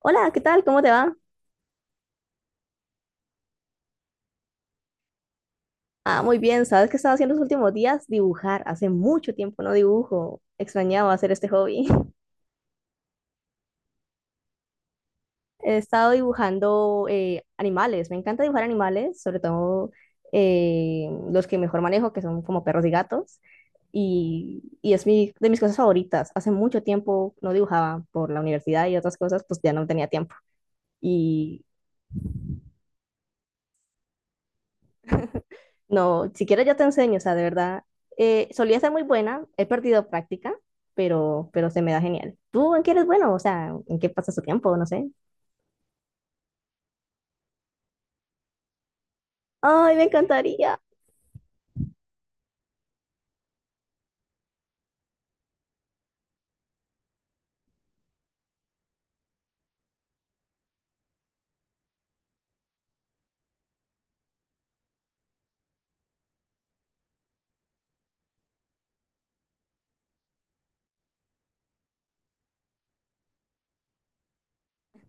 Hola, ¿qué tal? ¿Cómo te va? Ah, muy bien. ¿Sabes qué estaba haciendo los últimos días? Dibujar. Hace mucho tiempo no dibujo. Extrañaba hacer este hobby. He estado dibujando animales. Me encanta dibujar animales, sobre todo los que mejor manejo, que son como perros y gatos. Y es mi, de mis cosas favoritas. Hace mucho tiempo no dibujaba por la universidad y otras cosas, pues ya no tenía tiempo. No, si quieres yo te enseño, o sea, de verdad, solía ser muy buena, he perdido práctica, pero se me da genial. ¿Tú en qué eres bueno? O sea, ¿en qué pasas tu tiempo? No sé. Ay, me encantaría.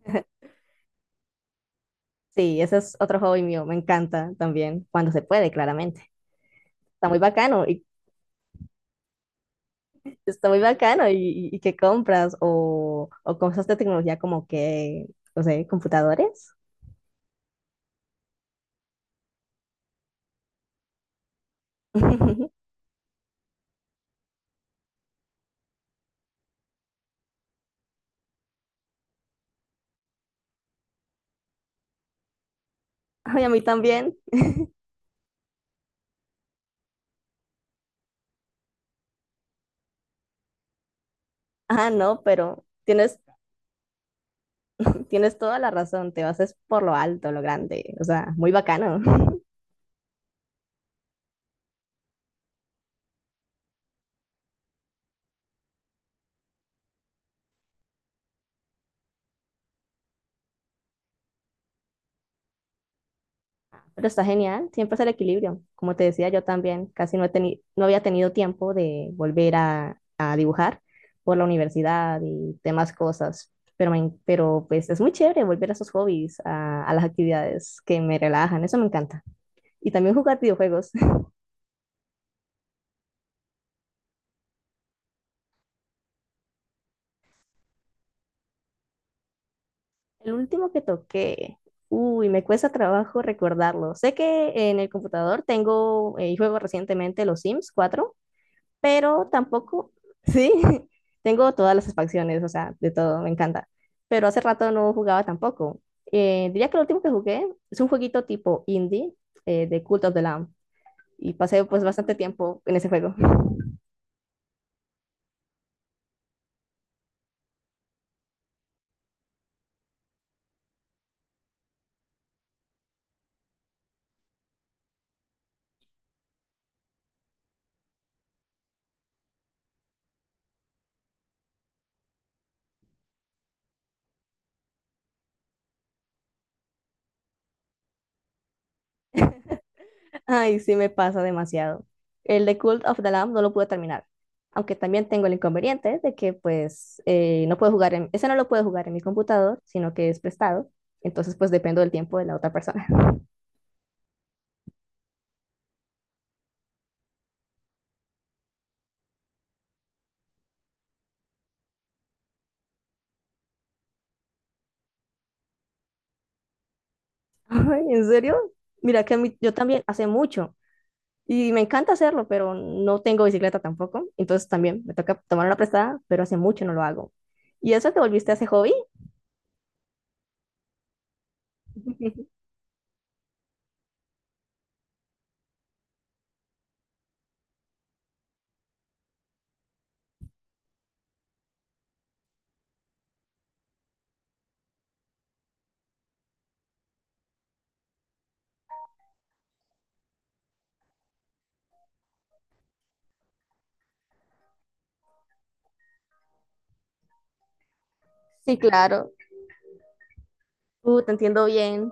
Sí, ese es otro hobby mío, me encanta también, cuando se puede, claramente. Está muy bacano, y está muy bacano, y, y que compras o cosas de tecnología como que, no sé, computadores. Ay, a mí también. Ah, no, pero... ¿Tienes, tienes toda la razón, te vas es por lo alto, lo grande, o sea, muy bacano. Pero está genial, siempre es el equilibrio. Como te decía, yo también casi no, no había tenido tiempo de volver a dibujar por la universidad y demás cosas. Pero, pero pues es muy chévere volver a esos hobbies, a las actividades que me relajan, eso me encanta. Y también jugar videojuegos. El último que toqué, uy, me cuesta trabajo recordarlo. Sé que en el computador tengo, juego recientemente los Sims 4, pero tampoco, sí, tengo todas las facciones, o sea, de todo, me encanta. Pero hace rato no jugaba tampoco. Diría que lo último que jugué es un jueguito tipo indie, de Cult of the Lamb, y pasé pues bastante tiempo en ese juego. Ay, sí me pasa demasiado. El de Cult of the Lamb no lo pude terminar, aunque también tengo el inconveniente de que pues no puedo jugar en, ese no lo puedo jugar en mi computador, sino que es prestado, entonces pues dependo del tiempo de la otra persona. Ay, ¿en serio? Mira que a mí, yo también hace mucho y me encanta hacerlo, pero no tengo bicicleta tampoco, entonces también me toca tomar una prestada, pero hace mucho no lo hago. ¿Y eso te volviste a ese hobby? Sí, claro. Te entiendo bien.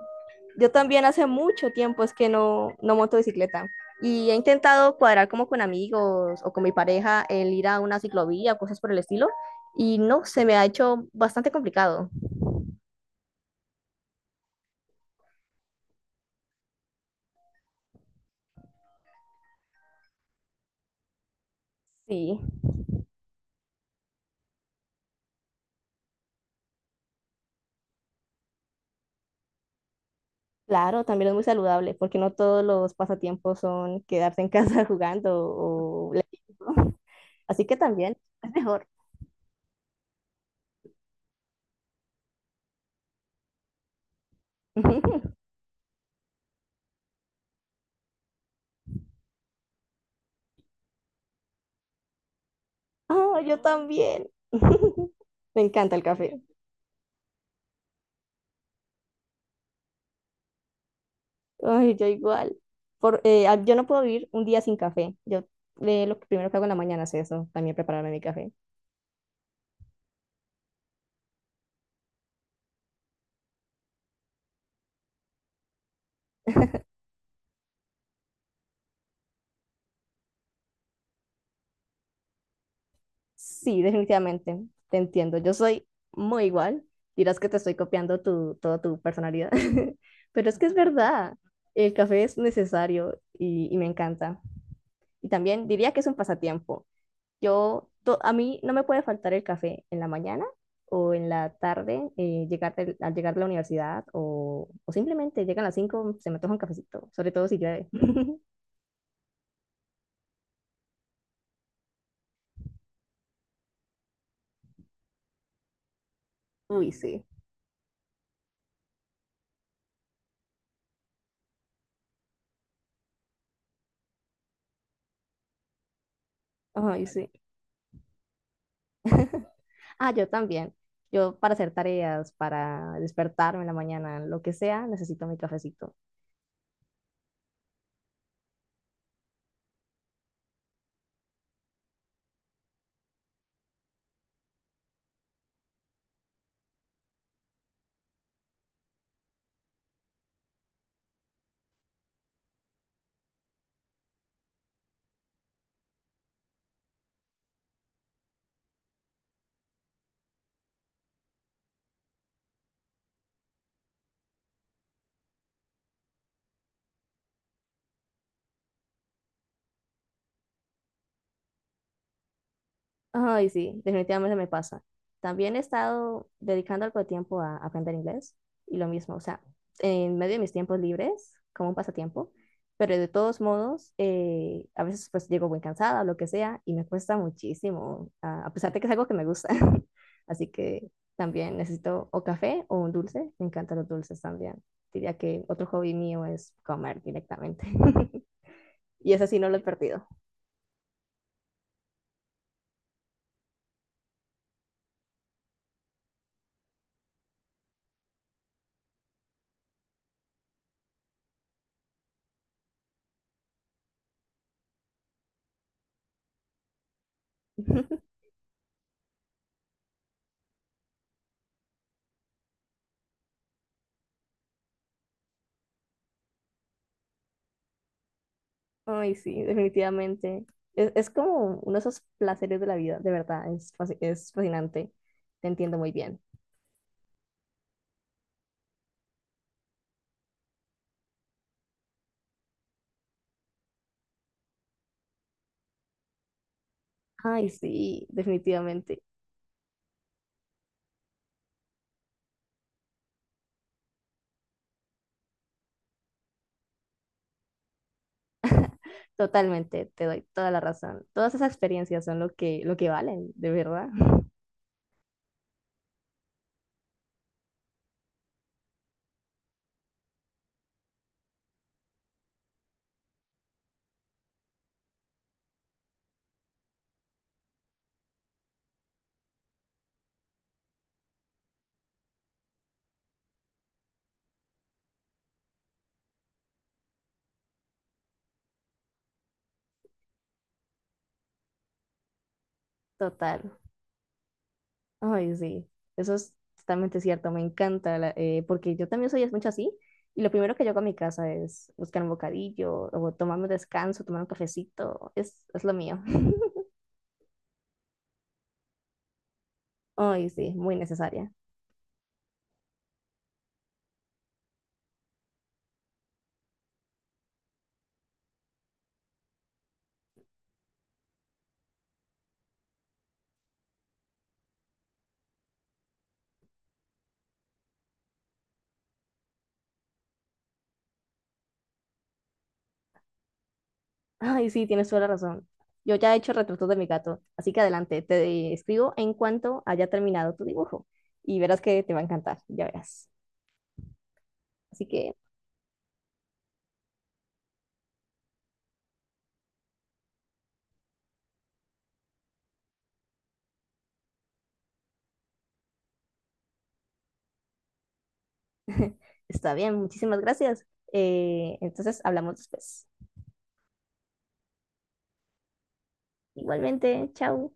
Yo también hace mucho tiempo es que no, no monto bicicleta y he intentado cuadrar como con amigos o con mi pareja el ir a una ciclovía o cosas por el estilo y no, se me ha hecho bastante complicado. Sí, claro, también es muy saludable porque no todos los pasatiempos son quedarse en casa jugando o leyendo. Así que también es mejor. Ah, yo también. Me encanta el café. Ay, yo igual. Por, yo no puedo vivir un día sin café. Yo lo que primero que hago en la mañana es eso, también prepararme mi café. Sí, definitivamente, te entiendo. Yo soy muy igual. Dirás que te estoy copiando tu, toda tu personalidad, pero es que es verdad. El café es necesario y me encanta. Y también diría que es un pasatiempo. Yo, a mí no me puede faltar el café en la mañana o en la tarde, llegar al llegar de la universidad o simplemente llegan a las 5 se me antoja un cafecito, sobre todo si llueve. Uy, sí. Ay, sí. Ah, yo también. Yo para hacer tareas, para despertarme en la mañana, lo que sea, necesito mi cafecito. Ay, sí, definitivamente me pasa. También he estado dedicando algo de tiempo a aprender inglés y lo mismo, o sea, en medio de mis tiempos libres, como un pasatiempo, pero de todos modos, a veces pues llego muy cansada o lo que sea y me cuesta muchísimo, a pesar de que es algo que me gusta. Así que también necesito o café o un dulce, me encantan los dulces también. Diría que otro hobby mío es comer directamente. Y ese sí no lo he perdido. Ay, sí, definitivamente. Es como uno de esos placeres de la vida, de verdad, es, es fascinante. Te entiendo muy bien. Ay, sí, definitivamente. Totalmente, te doy toda la razón. Todas esas experiencias son lo que valen, de verdad. Total. Ay, sí, eso es totalmente cierto, me encanta, porque yo también soy mucho así, y lo primero que yo hago a mi casa es buscar un bocadillo, o tomarme un descanso, tomar un cafecito, es lo mío. Ay, sí, muy necesaria. Ay, sí, tienes toda la razón. Yo ya he hecho retratos de mi gato, así que adelante, te escribo en cuanto haya terminado tu dibujo, y verás que te va a encantar, ya verás. Así que está bien, muchísimas gracias. Entonces hablamos después. Igualmente, chao.